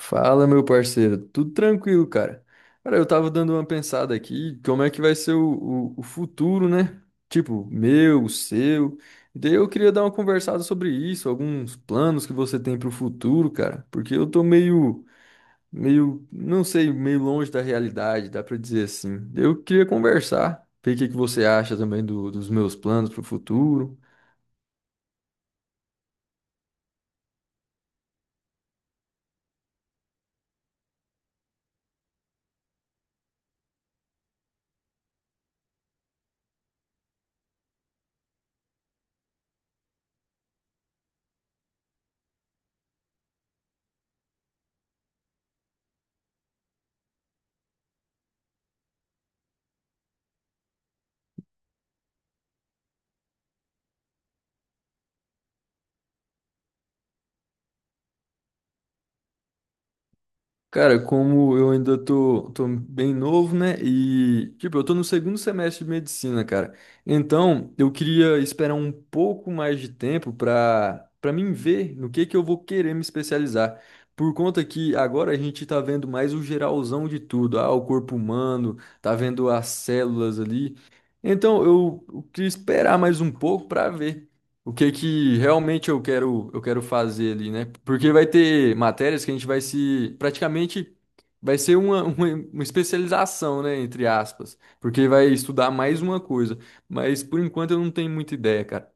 Fala, meu parceiro. Tudo tranquilo, cara. Cara, eu tava dando uma pensada aqui, como é que vai ser o futuro, né? Tipo, meu, seu. E daí eu queria dar uma conversada sobre isso, alguns planos que você tem pro futuro, cara. Porque eu tô meio, não sei, meio longe da realidade, dá pra dizer assim. Eu queria conversar, ver o que que você acha também dos meus planos pro futuro. Cara, como eu ainda tô bem novo, né? E, tipo, eu tô no segundo semestre de medicina, cara. Então, eu queria esperar um pouco mais de tempo pra mim ver no que eu vou querer me especializar. Por conta que agora a gente tá vendo mais o geralzão de tudo. Ah, o corpo humano, tá vendo as células ali. Então, eu queria esperar mais um pouco pra ver o que que realmente eu quero fazer ali, né? Porque vai ter matérias que a gente vai se praticamente vai ser uma especialização, né, entre aspas, porque vai estudar mais uma coisa. Mas por enquanto eu não tenho muita ideia, cara.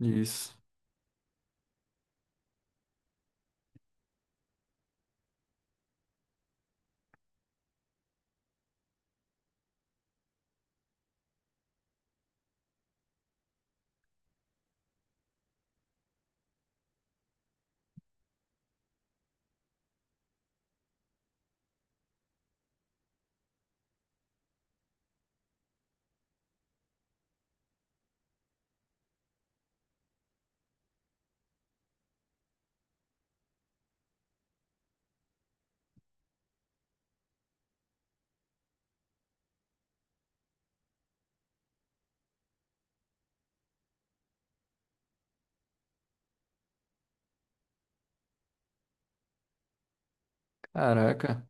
Isso. Caraca.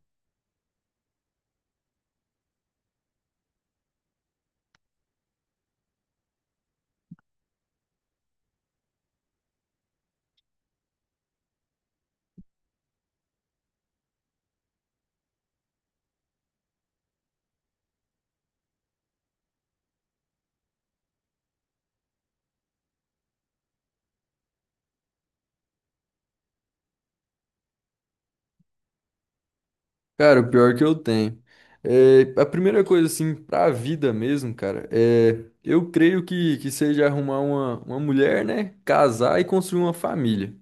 Cara, o pior que eu tenho. A primeira coisa, assim, pra vida mesmo, cara, é, eu creio que seja arrumar uma mulher, né? Casar e construir uma família.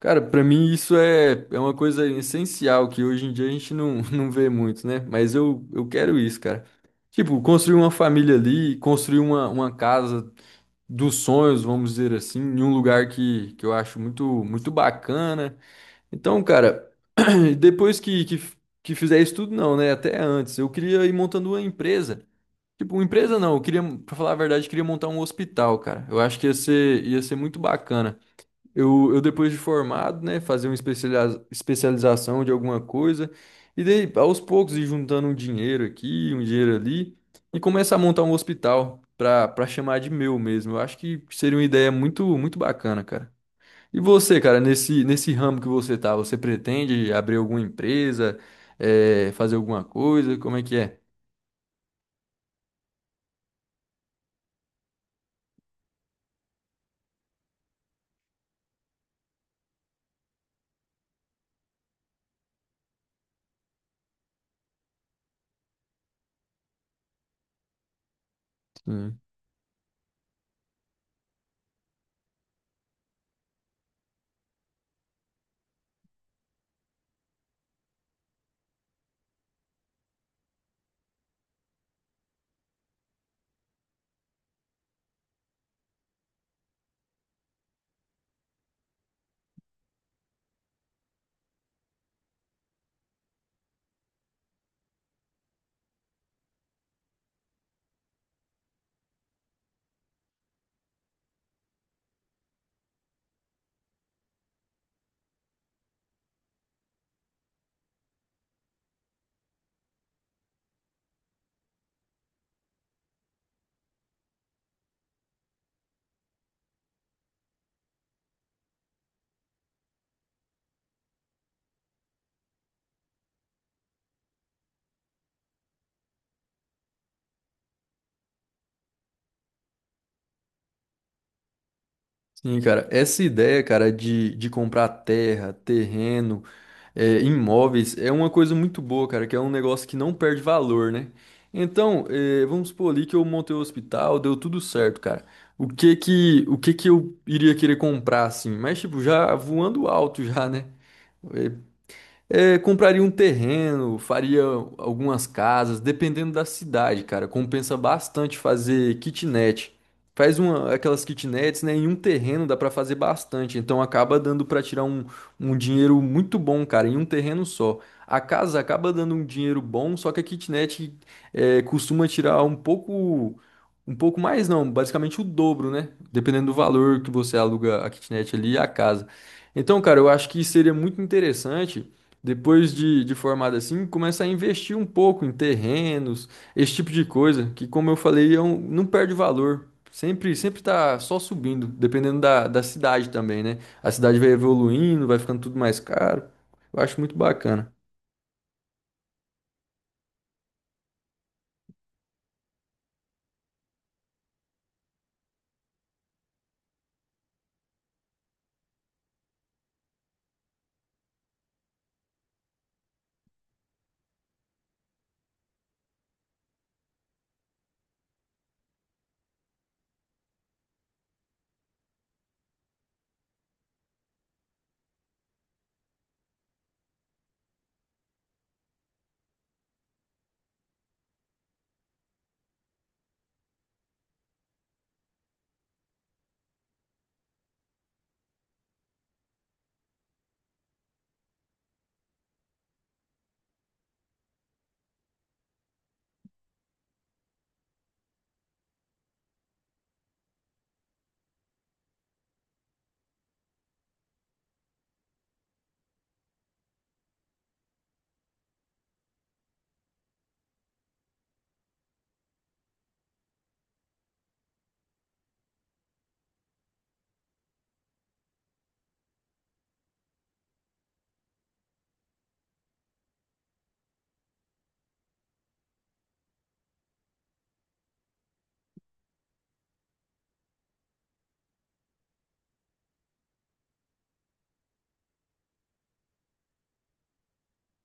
Cara, pra mim isso é uma coisa essencial que hoje em dia a gente não, não vê muito, né? Mas eu quero isso, cara. Tipo, construir uma família ali, construir uma casa dos sonhos, vamos dizer assim, em um lugar que eu acho muito, muito bacana. Então, cara, depois que fizer isso tudo, não, né? Até antes, eu queria ir montando uma empresa. Tipo, uma empresa não, eu queria, pra falar a verdade, eu queria montar um hospital, cara. Eu acho que ia ser muito bacana. Eu depois de formado, né, fazer uma especialização de alguma coisa, e daí, aos poucos, ir juntando um dinheiro aqui, um dinheiro ali, e começar a montar um hospital para chamar de meu mesmo. Eu acho que seria uma ideia muito, muito bacana, cara. E você, cara, nesse ramo que você tá, você pretende abrir alguma empresa, fazer alguma coisa? Como é que é? Sim, cara, essa ideia, cara, de comprar terra, terreno, é, imóveis, é uma coisa muito boa, cara, que é um negócio que não perde valor, né? Então, é, vamos supor ali que eu montei o hospital, deu tudo certo, cara. O que que eu iria querer comprar, assim? Mas, tipo, já voando alto já, né? É, Compraria um terreno, faria algumas casas, dependendo da cidade, cara. Compensa bastante fazer kitnet. Faz uma, aquelas kitnets, né? Em um terreno dá pra fazer bastante. Então acaba dando pra tirar um, um dinheiro muito bom, cara, em um terreno só. A casa acaba dando um dinheiro bom, só que a kitnet é, costuma tirar um pouco mais, não, basicamente o dobro, né? Dependendo do valor que você aluga a kitnet ali e a casa. Então, cara, eu acho que seria muito interessante depois de formado assim, começa a investir um pouco em terrenos, esse tipo de coisa, que como eu falei, não perde valor. Sempre, sempre tá só subindo, dependendo da cidade também, né? A cidade vai evoluindo, vai ficando tudo mais caro. Eu acho muito bacana.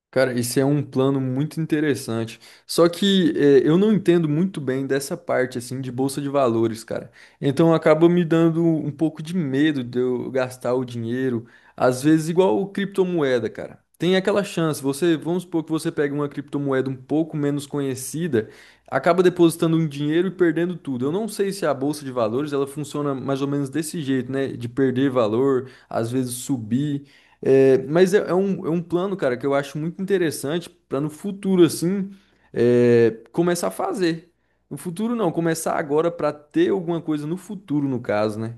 Cara, isso é um plano muito interessante. Só que eu não entendo muito bem dessa parte assim de bolsa de valores, cara. Então acaba me dando um pouco de medo de eu gastar o dinheiro, às vezes igual o criptomoeda, cara. Tem aquela chance, você, vamos supor que você pega uma criptomoeda um pouco menos conhecida, acaba depositando um dinheiro e perdendo tudo. Eu não sei se a bolsa de valores, ela funciona mais ou menos desse jeito, né? De perder valor, às vezes subir. É, mas é um plano, cara, que eu acho muito interessante para no futuro, assim, é, começar a fazer. No futuro, não, começar agora para ter alguma coisa no futuro, no caso, né?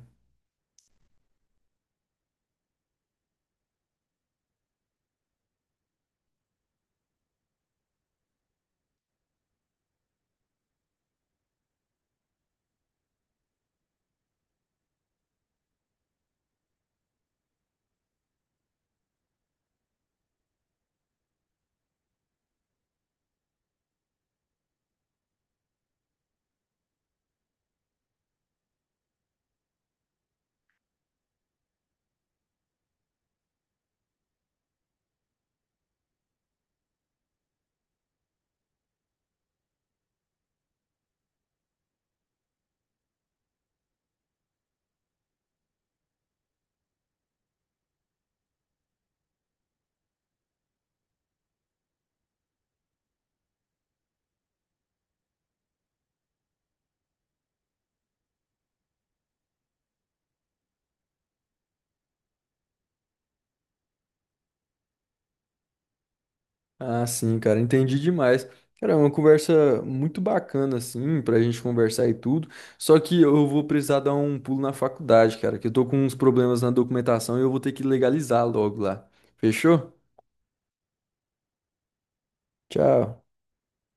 Ah, sim, cara, entendi demais. Cara, é uma conversa muito bacana, assim, pra gente conversar e tudo. Só que eu vou precisar dar um pulo na faculdade, cara, que eu tô com uns problemas na documentação e eu vou ter que legalizar logo lá. Fechou? Tchau.